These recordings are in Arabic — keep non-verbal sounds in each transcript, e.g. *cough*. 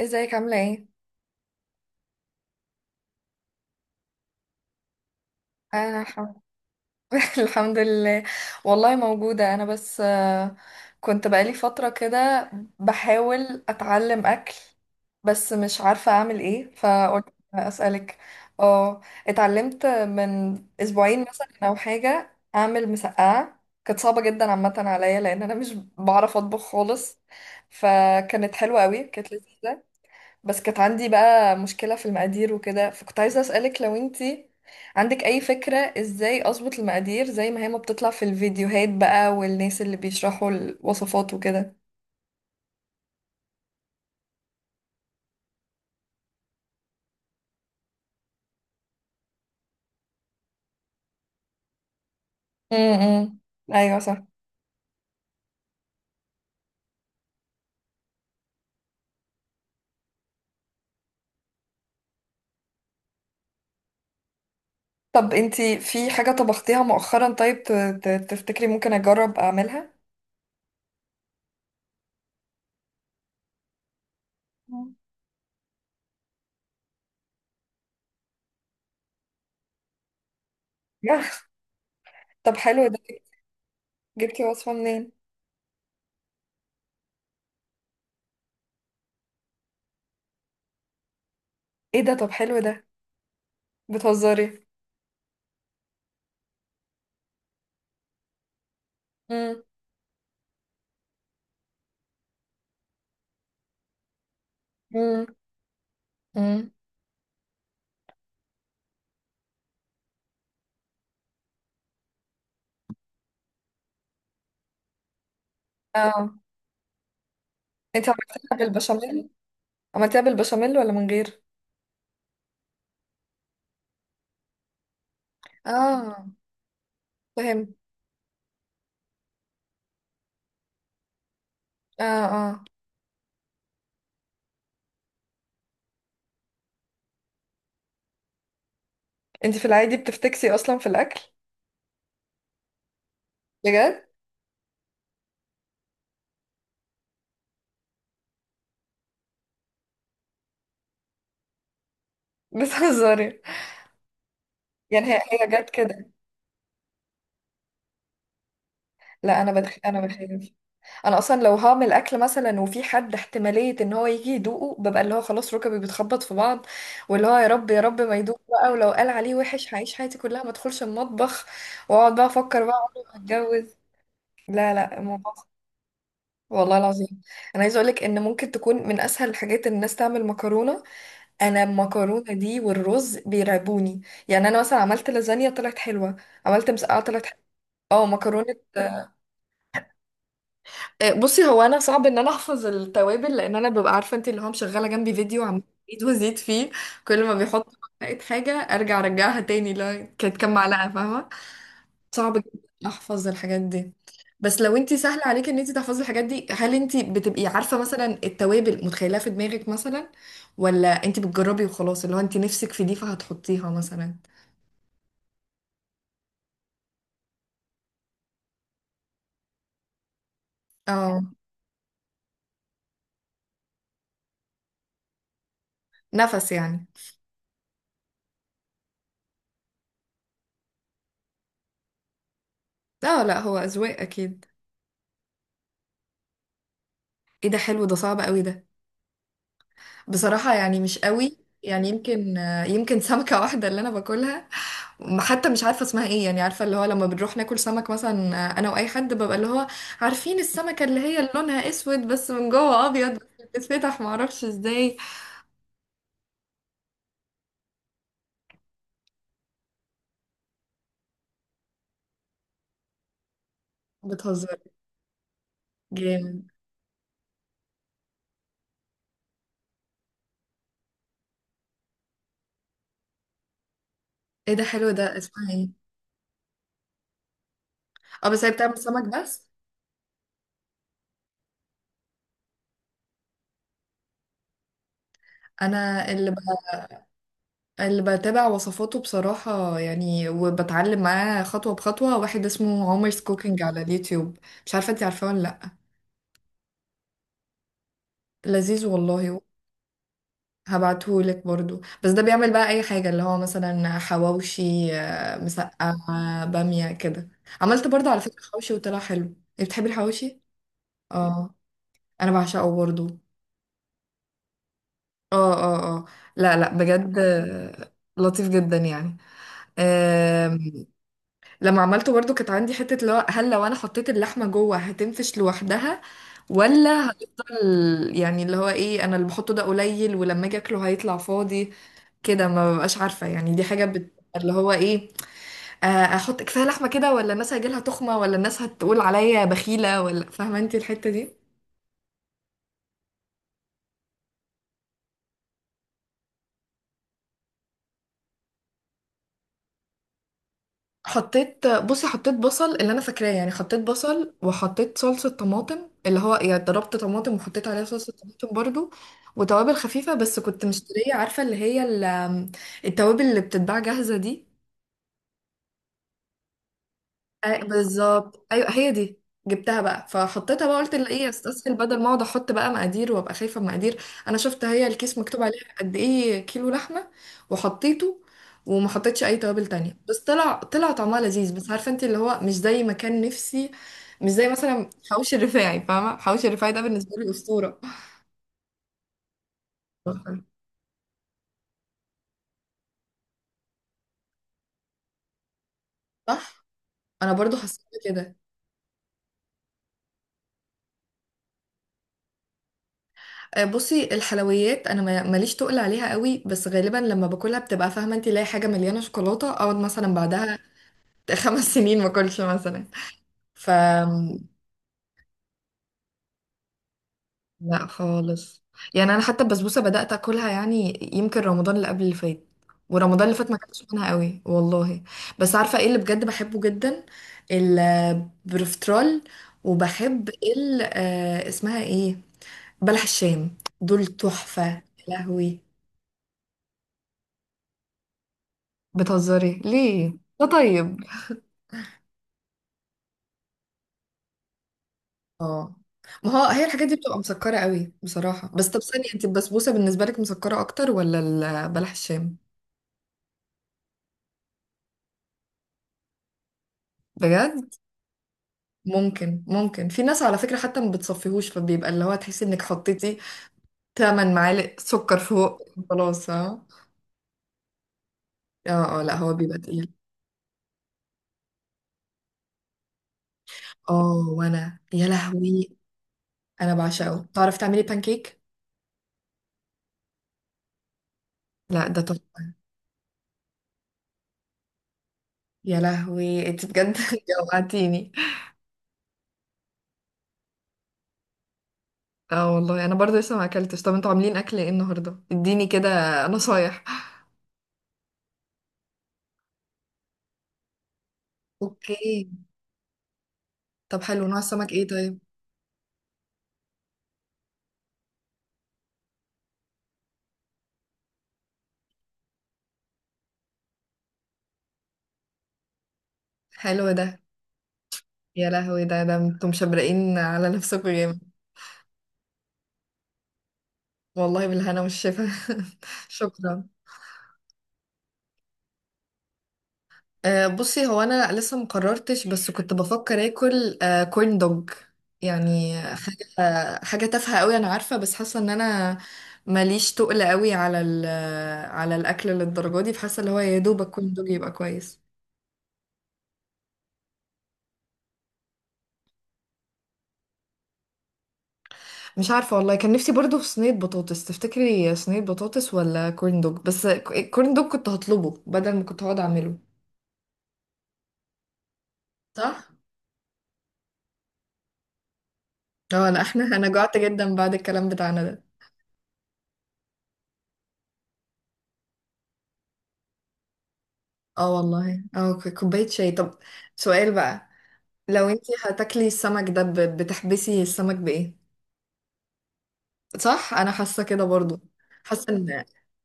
ازيك عاملة ايه؟ انا الحمد *laughs* الحمد لله. والله موجودة انا بس كنت بقالي فترة كده بحاول اتعلم اكل. بس مش عارفة اعمل ايه فقلت اسألك. اه، اتعلمت من اسبوعين مثلا او حاجة اعمل مسقعة، كانت صعبة جدا عامة عليا لان انا مش بعرف اطبخ خالص. فكانت حلوة قوي، كانت لذيذة. بس كانت عندي بقى مشكلة في المقادير وكده، فكنت عايزة أسألك لو انتي عندك أي فكرة ازاي أظبط المقادير زي ما هي، ما بتطلع في الفيديوهات بقى والناس اللي بيشرحوا الوصفات وكده. امم، أيوة صح. طب انتي في حاجة طبختيها مؤخرا طيب تفتكري ممكن أجرب أعملها؟ مم. *laughs* طب حلو ده. جبتي وصفة منين؟ ايه ده طب حلو ده. بتهزري. امم، امم، امم. اه، انتي عملتيها بالبشاميل؟ عملتيها بالبشاميل ولا من غير؟ اه، فاهم. اه اه. انت في العادي بتفتكسي اصلا في الاكل؟ بجد؟ *laughs* بتهزري. يعني هي جت كده. لا، انا بخاف. انا اصلا لو هعمل اكل مثلا وفي حد احتماليه ان هو يجي يدوقه، ببقى اللي هو خلاص ركبي بتخبط في بعض، واللي هو يا رب يا رب ما يدوق بقى، ولو قال عليه وحش هعيش حياتي كلها ما ادخلش المطبخ، واقعد بقى افكر بقى عمري ما هتجوز. لا لا، الموضوع صعب. والله العظيم. انا عايزه اقولك ان ممكن تكون من اسهل الحاجات ان الناس تعمل مكرونه. انا المكرونه دي والرز بيرعبوني. يعني انا مثلا عملت لازانيا طلعت حلوه، عملت مسقعه طلعت حلوه. اه، مكرونه. بصي، هو انا صعب ان انا احفظ التوابل، لان انا ببقى عارفه انت اللي هو مشغله جنبي فيديو، عم ازيد وازيد فيه. كل ما بيحط معلقه حاجه ارجع ارجعها تاني، لا كانت كام معلقه فاهمه. صعب جدا احفظ الحاجات دي. بس لو انت سهل عليك ان انت تحفظي الحاجات دي، هل انت بتبقي عارفه مثلا التوابل متخيلها في دماغك مثلا، ولا انت بتجربي وخلاص اللي هو انت نفسك في دي فهتحطيها مثلا. اه، نفس يعني. اه، لا هو اذواق اكيد. ايه ده حلو ده، صعب قوي ده. بصراحة يعني مش قوي. يعني يمكن سمكة *laughs* واحدة اللي أنا باكلها. حتى مش عارفة اسمها إيه. يعني عارفة اللي هو لما بنروح ناكل سمك مثلا، أنا وأي حد ببقى اللي هو عارفين السمكة اللي هي اللي لونها أسود بس من جوه أبيض بس بتتفتح معرفش إزاي. بتهزر؟ جامد. إيه ده حلو ده، اسمها إيه؟ أه بس هي بتعمل سمك بس؟ أنا اللي ب... اللي بتابع وصفاته بصراحة يعني وبتعلم معاه خطوة بخطوة، واحد اسمه عمر's كوكينج على اليوتيوب. مش عارفة انتي عارفاه ولا لأ. لذيذ والله. هبعتهولك برضو. بس ده بيعمل بقى اي حاجة، اللي هو مثلا حواوشي، مسقعة، بامية كده. عملت برضو على فكرة حواوشي وطلع حلو، إيه، بتحبي الحواوشي؟ اه، انا بعشقه برضو. اه اه اه. لا لا بجد، لطيف جدا يعني. آه، لما عملته برضو كانت عندي حتة اللي هو هل لو انا حطيت اللحمة جوه هتنفش لوحدها، ولا هتفضل يعني اللي هو ايه انا اللي بحطه ده قليل ولما اجي اكله هيطلع فاضي كده. ما ببقاش عارفة يعني دي حاجة اللي هو ايه، آه، احط كفاية لحمة كده، ولا الناس هيجيلها تخمة، ولا الناس هتقول عليا بخيلة، ولا فاهمة انت الحتة دي. حطيت، بصي حطيت بصل اللي انا فاكراه، يعني حطيت بصل وحطيت صلصة طماطم، اللي هو يعني ضربت طماطم وحطيت عليها صلصة طماطم برضو، وتوابل خفيفة. بس كنت مشترية عارفة اللي هي التوابل اللي بتتباع جاهزة دي. بالظبط، ايوه هي دي. جبتها بقى فحطيتها بقى، قلت لا ايه استسهل بدل ما اقعد احط بقى مقادير وابقى خايفه من مقادير. انا شفت هي الكيس مكتوب عليها قد ايه كيلو لحمه، وحطيته. وما حطيتش اي توابل تانية، بس طلع طعمها لذيذ. بس عارفه انت اللي هو مش زي ما كان نفسي، مش زي مثلا حواوشي الرفاعي، فاهمه حواوشي الرفاعي ده بالنسبه لي اسطوره. صح، انا برضو حسيت كده. بصي الحلويات انا ماليش تقل عليها قوي. بس غالبا لما باكلها بتبقى فاهمه انت لاقي حاجه مليانه شوكولاته، اقعد مثلا بعدها *laughs* خمس سنين ما اكلش مثلا. ف، لا خالص. يعني انا حتى البسبوسه بدات اكلها يعني يمكن رمضان اللي قبل اللي فات، ورمضان اللي فات ما كانتش منها قوي والله. بس عارفه ايه اللي بجد بحبه جدا؟ البروفترول. وبحب ال، اسمها ايه، بلح الشام، دول تحفه يا لهوي. بتهزري ليه، ده طيب. اه، ما هو هي الحاجات دي بتبقى مسكرة قوي بصراحة. بس طب ثانية، انت البسبوسة بالنسبة لك مسكرة اكتر، ولا بلح الشام؟ بجد. ممكن في ناس على فكرة حتى ما بتصفيهوش، فبيبقى اللي هو تحسي انك حطيتي 8 معالق سكر فوق. خلاص اه. اه اه، لا هو بيبقى تقيل. اه وانا يا لهوي، انا بعشقه. تعرفي تعملي بانكيك؟ لا ده طب. يا لهوي، انت بجد *laughs* جوعتيني. اه والله، انا برضه لسه ما اكلتش. طب انتوا عاملين اكل ايه النهارده، اديني كده نصايح. اوكي. طب حلو، نوع السمك ايه طيب؟ حلو ده. يا لهوي ده انتوا مشبرقين على نفسكم جامد. والله بالهنا والشفا. *laughs* شكرا. أه بصي، هو انا لسه مقررتش، بس كنت بفكر اكل أه كورن دوج. يعني حاجه، حاجه تافهه قوي انا عارفه، بس حاسه ان انا ماليش تقل قوي على على الاكل للدرجه دي، فحاسه اللي هو يا دوبك كورن دوج يبقى كويس. مش عارفة والله، كان نفسي برضو في صينية بطاطس. تفتكري صينية بطاطس ولا كورن دوج؟ بس الكورن دوج كنت هطلبه بدل ما كنت هقعد اعمله. صح؟ اه لا احنا، انا جوعت جدا بعد الكلام بتاعنا ده. اه والله اه، كوباية شاي. طب سؤال بقى، لو انتي هتاكلي السمك ده بتحبسي السمك بايه؟ صح انا حاسة كده برضو. حاسة ان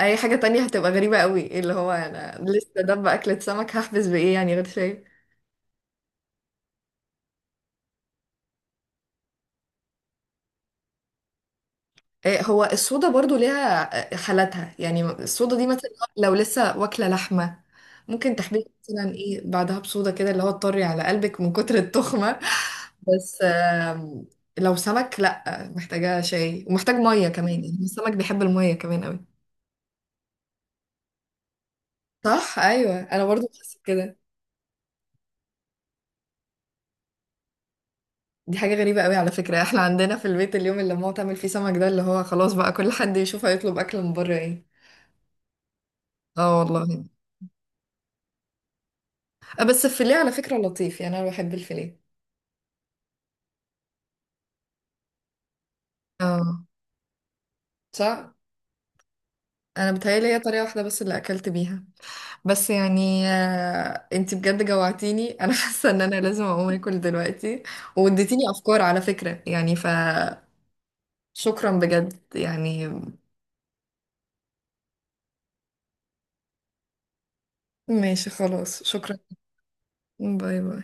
اي حاجة تانية هتبقى غريبة قوي، اللي هو انا لسه ده اكلة سمك هحبس بايه يعني غير شاي. هو الصودا برضو ليها حالاتها. يعني الصودا دي مثلا لو لسه واكلة لحمة ممكن تحبيها مثلا ايه بعدها بصودا كده اللي هو تطري على قلبك من كتر التخمة. بس لو سمك لا، محتاجة شاي ومحتاج مية كمان، يعني السمك بيحب المية كمان قوي. صح، ايوه انا برضو بحس كده. دي حاجة غريبة قوي على فكرة، احنا عندنا في البيت اليوم اللي ماما تعمل فيه سمك ده اللي هو خلاص بقى كل حد يشوف هيطلب اكل من بره ايه. اه والله. بس الفيليه على فكرة لطيف يعني، انا بحب الفيليه. اه، صح. انا بتهيالي هي طريقه واحده بس اللي اكلت بيها. بس يعني انتي بجد جوعتيني انا *laughs* حاسه ان انا لازم اقوم اكل دلوقتي، واديتيني افكار على فكره يعني. ف، شكرا بجد يعني. ماشي خلاص، شكرا. باي باي.